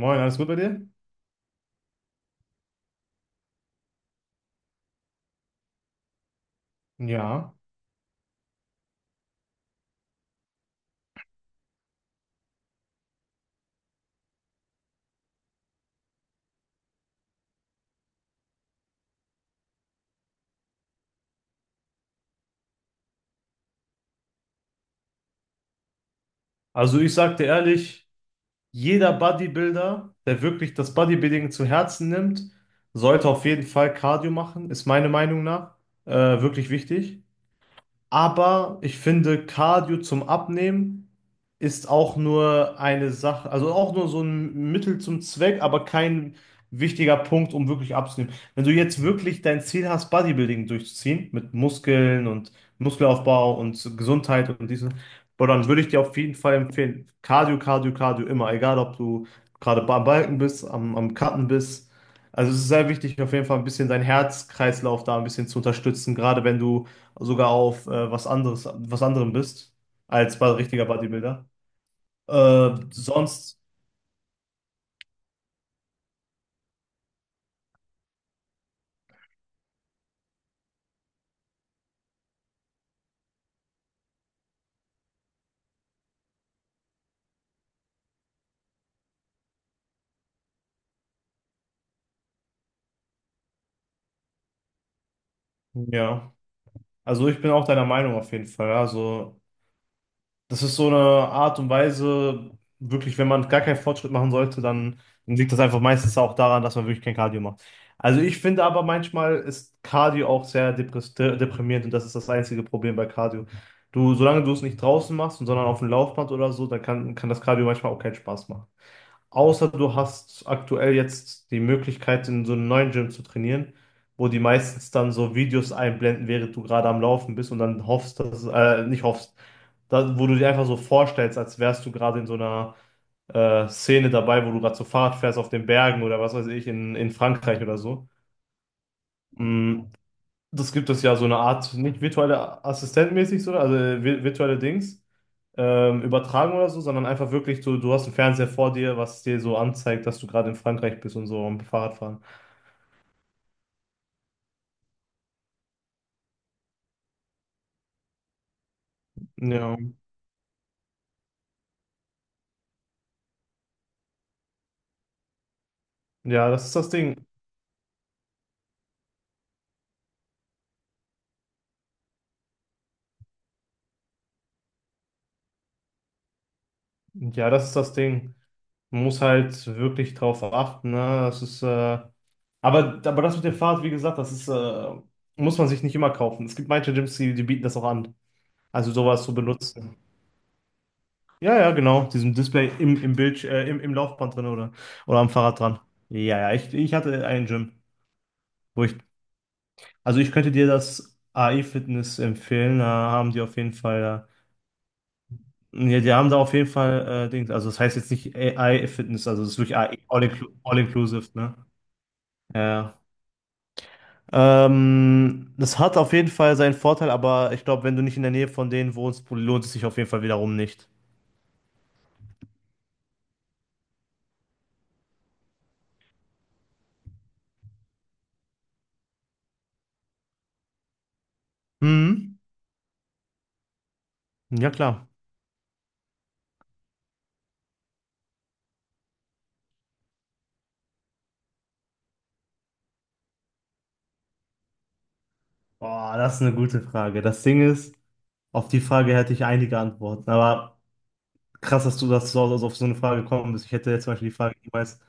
Moin, alles gut bei dir? Ja. Also ich sagte ehrlich, jeder Bodybuilder, der wirklich das Bodybuilding zu Herzen nimmt, sollte auf jeden Fall Cardio machen, ist meine Meinung nach wirklich wichtig. Aber ich finde, Cardio zum Abnehmen ist auch nur eine Sache, also auch nur so ein Mittel zum Zweck, aber kein wichtiger Punkt, um wirklich abzunehmen. Wenn du jetzt wirklich dein Ziel hast, Bodybuilding durchzuziehen, mit Muskeln und Muskelaufbau und Gesundheit und diesen, boah, dann würde ich dir auf jeden Fall empfehlen, Cardio, Cardio, Cardio immer, egal ob du gerade am Balken bist, am Cutten bist. Also es ist sehr wichtig, auf jeden Fall ein bisschen deinen Herzkreislauf da ein bisschen zu unterstützen, gerade wenn du sogar auf was anderes, was anderem bist, als bei richtiger Bodybuilder. Äh, sonst, ja, also ich bin auch deiner Meinung auf jeden Fall. Also, das ist so eine Art und Weise, wirklich, wenn man gar keinen Fortschritt machen sollte, dann liegt das einfach meistens auch daran, dass man wirklich kein Cardio macht. Also ich finde aber manchmal ist Cardio auch sehr deprimierend und das ist das einzige Problem bei Cardio. Du, solange du es nicht draußen machst, sondern auf dem Laufband oder so, dann kann das Cardio manchmal auch keinen Spaß machen. Außer du hast aktuell jetzt die Möglichkeit, in so einem neuen Gym zu trainieren, wo die meistens dann so Videos einblenden, während du gerade am Laufen bist und dann hoffst, dass, nicht hoffst, da, wo du dir einfach so vorstellst, als wärst du gerade in so einer Szene dabei, wo du gerade so Fahrrad fährst auf den Bergen oder was weiß ich, in Frankreich oder so. Mm, das gibt es ja so eine Art, nicht virtuelle Assistentmäßig, so, also virtuelle Dings, übertragen oder so, sondern einfach wirklich so, du hast einen Fernseher vor dir, was dir so anzeigt, dass du gerade in Frankreich bist und so am Fahrradfahren. Ja. Ja, das ist das Ding. Ja, das ist das Ding. Man muss halt wirklich drauf achten, ne? Das ist, äh, aber, aber das mit dem Fahrrad, wie gesagt, muss man sich nicht immer kaufen. Es gibt manche Gyms, die bieten das auch an. Also sowas zu benutzen. Ja, ja, genau. Diesem Display im Bild, im Laufband drin oder am Fahrrad dran. Ich hatte ein Gym, wo ich, also ich könnte dir das AI Fitness empfehlen, da haben die auf jeden Fall, ja, die haben da auf jeden Fall, Dings, also das heißt jetzt nicht AI Fitness, also das ist wirklich AI, all, inclu all inclusive, ne? Ja. Ja. Das hat auf jeden Fall seinen Vorteil, aber ich glaube, wenn du nicht in der Nähe von denen wohnst, lohnt es sich auf jeden Fall wiederum nicht. Mhm. Ja, klar. Boah, das ist eine gute Frage. Das Ding ist, auf die Frage hätte ich einige Antworten. Aber krass, dass du, das so auf so eine Frage gekommen bist. Ich hätte jetzt zum Beispiel die Frage niemals,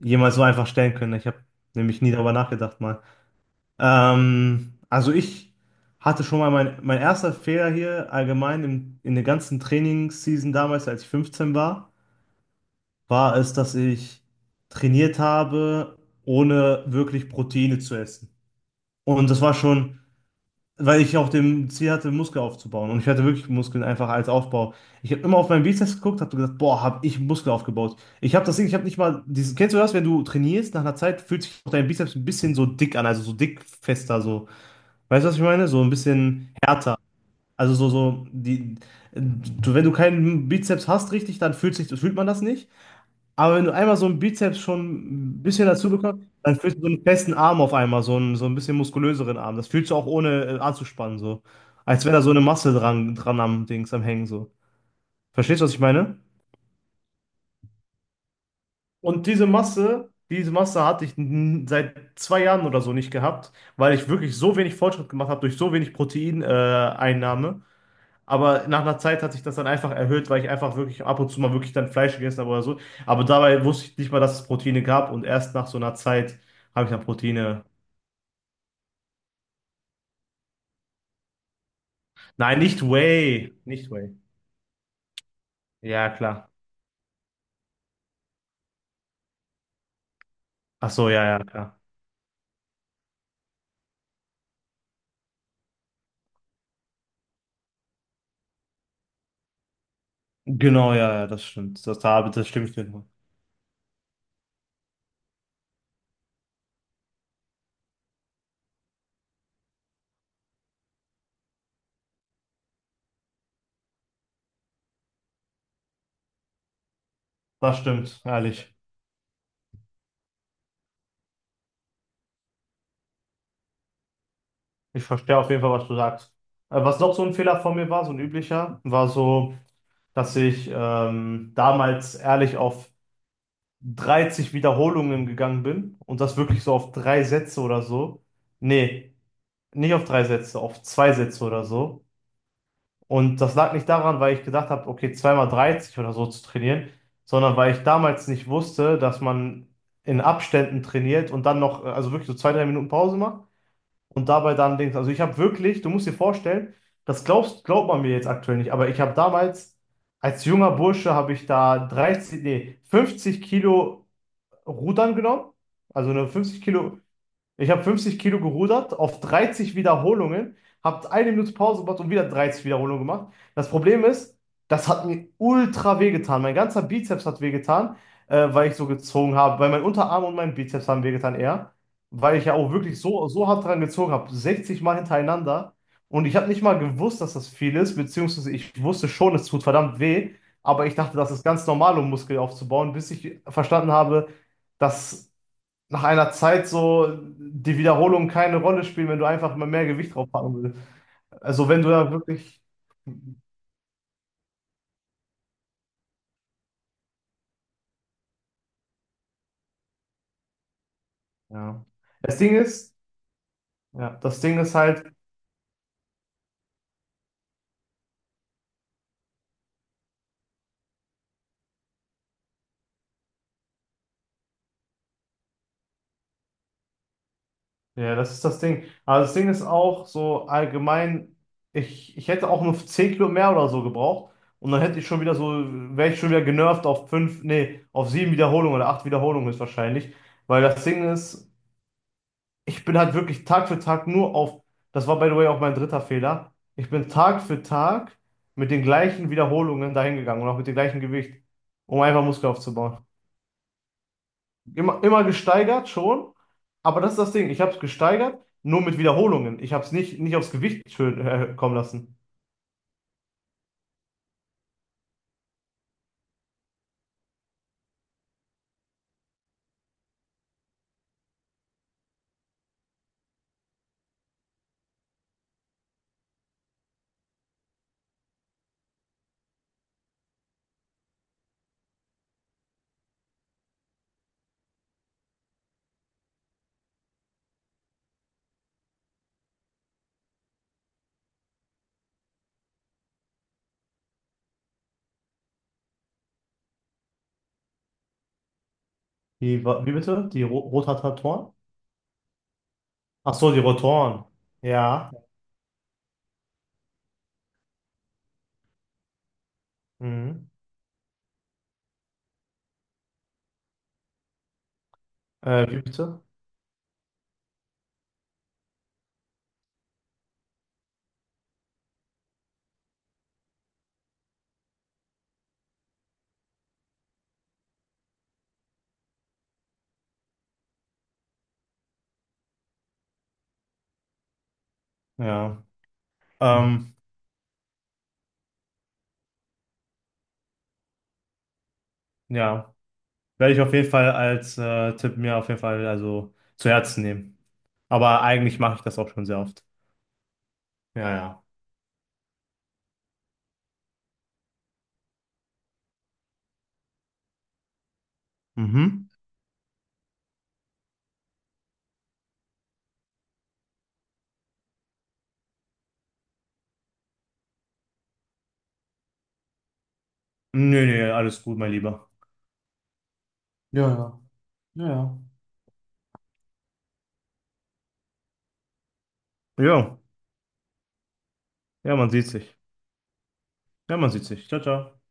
jemals so einfach stellen können. Ich habe nämlich nie darüber nachgedacht mal. Also ich hatte schon mal mein erster Fehler hier allgemein in der ganzen Trainingsseason damals, als ich 15 war, war es, dass ich trainiert habe, ohne wirklich Proteine zu essen. Und das war schon, weil ich auf dem Ziel hatte, Muskel aufzubauen. Und ich hatte wirklich Muskeln einfach als Aufbau. Ich habe immer auf meinen Bizeps geguckt, habe gesagt, boah, habe ich Muskel aufgebaut. Ich habe das Ding, ich habe nicht mal dieses, kennst du das, wenn du trainierst, nach einer Zeit fühlt sich auch dein Bizeps ein bisschen so dick an, also so dick fester so. Weißt du, was ich meine? So ein bisschen härter. Also so, so, die, du, wenn du keinen Bizeps hast richtig, dann fühlt man das nicht. Aber wenn du einmal so einen Bizeps schon ein bisschen dazu bekommst, dann fühlst du so einen festen Arm auf einmal, so einen, so ein bisschen muskulöseren Arm. Das fühlst du auch ohne anzuspannen, so. Als wäre da so eine Masse dran, dran am Dings, am Hängen, so. Verstehst du, was ich meine? Und diese Masse hatte ich seit zwei Jahren oder so nicht gehabt, weil ich wirklich so wenig Fortschritt gemacht habe durch so wenig Proteineinnahme. Aber nach einer Zeit hat sich das dann einfach erhöht, weil ich einfach wirklich ab und zu mal wirklich dann Fleisch gegessen habe oder so. Aber dabei wusste ich nicht mal, dass es Proteine gab und erst nach so einer Zeit habe ich dann Proteine. Nein, nicht Whey. Nicht Whey. Ja, klar. Ach so, ja, ja, klar. Genau, ja, ja, das stimmt. Das stimmt nicht. Das stimmt, ehrlich. Ich verstehe auf jeden Fall, was du sagst. Was noch so ein Fehler von mir war, so ein üblicher, war so, dass ich damals ehrlich auf 30 Wiederholungen gegangen bin und das wirklich so auf drei Sätze oder so. Nee, nicht auf drei Sätze, auf zwei Sätze oder so. Und das lag nicht daran, weil ich gedacht habe, okay, zweimal 30 oder so zu trainieren, sondern weil ich damals nicht wusste, dass man in Abständen trainiert und dann noch, also wirklich so zwei, drei Minuten Pause macht und dabei dann Dings. Also ich habe wirklich, du musst dir vorstellen, glaubt man mir jetzt aktuell nicht, aber ich habe damals als junger Bursche habe ich da 30, nee, 50 Kilo Rudern genommen, also eine 50 Kilo, ich habe 50 Kilo gerudert auf 30 Wiederholungen, habe eine Minute Pause gemacht und wieder 30 Wiederholungen gemacht. Das Problem ist, das hat mir ultra wehgetan. Mein ganzer Bizeps hat wehgetan, weil ich so gezogen habe. Weil mein Unterarm und mein Bizeps haben wehgetan eher, weil ich ja auch wirklich so, so hart dran gezogen habe. 60 Mal hintereinander. Und ich habe nicht mal gewusst, dass das viel ist, beziehungsweise ich wusste schon, es tut verdammt weh. Aber ich dachte, das ist ganz normal, um Muskel aufzubauen, bis ich verstanden habe, dass nach einer Zeit so die Wiederholungen keine Rolle spielen, wenn du einfach immer mehr Gewicht draufpacken willst. Also wenn du da wirklich, ja. Das Ding ist, ja, das Ding ist halt, ja, das ist das Ding. Aber das Ding ist auch so allgemein, ich hätte auch nur 10 Kilo mehr oder so gebraucht und dann hätte ich schon wieder so, wäre ich schon wieder genervt auf 5. Nee, auf 7 Wiederholungen oder 8 Wiederholungen ist wahrscheinlich. Weil das Ding ist, ich bin halt wirklich Tag für Tag nur auf, das war by the way auch mein dritter Fehler, ich bin Tag für Tag mit den gleichen Wiederholungen dahin gegangen und auch mit dem gleichen Gewicht, um einfach Muskel aufzubauen. Immer, immer gesteigert schon, aber das ist das Ding, ich habe es gesteigert, nur mit Wiederholungen. Ich habe es nicht aufs Gewicht schön kommen lassen. Wie bitte? Die Ro Rotatoren? Ach so, die Rotoren. Ja. Mhm. Wie bitte? Ja. Ähm, ja. Werde ich auf jeden Fall als Tipp mir auf jeden Fall also zu Herzen nehmen. Aber eigentlich mache ich das auch schon sehr oft. Ja, ja. Mhm. Nö, nö, alles gut, mein Lieber. Ja, ja, ja, ja. Jo, ja, man sieht sich. Ja, man sieht sich. Ciao, ciao.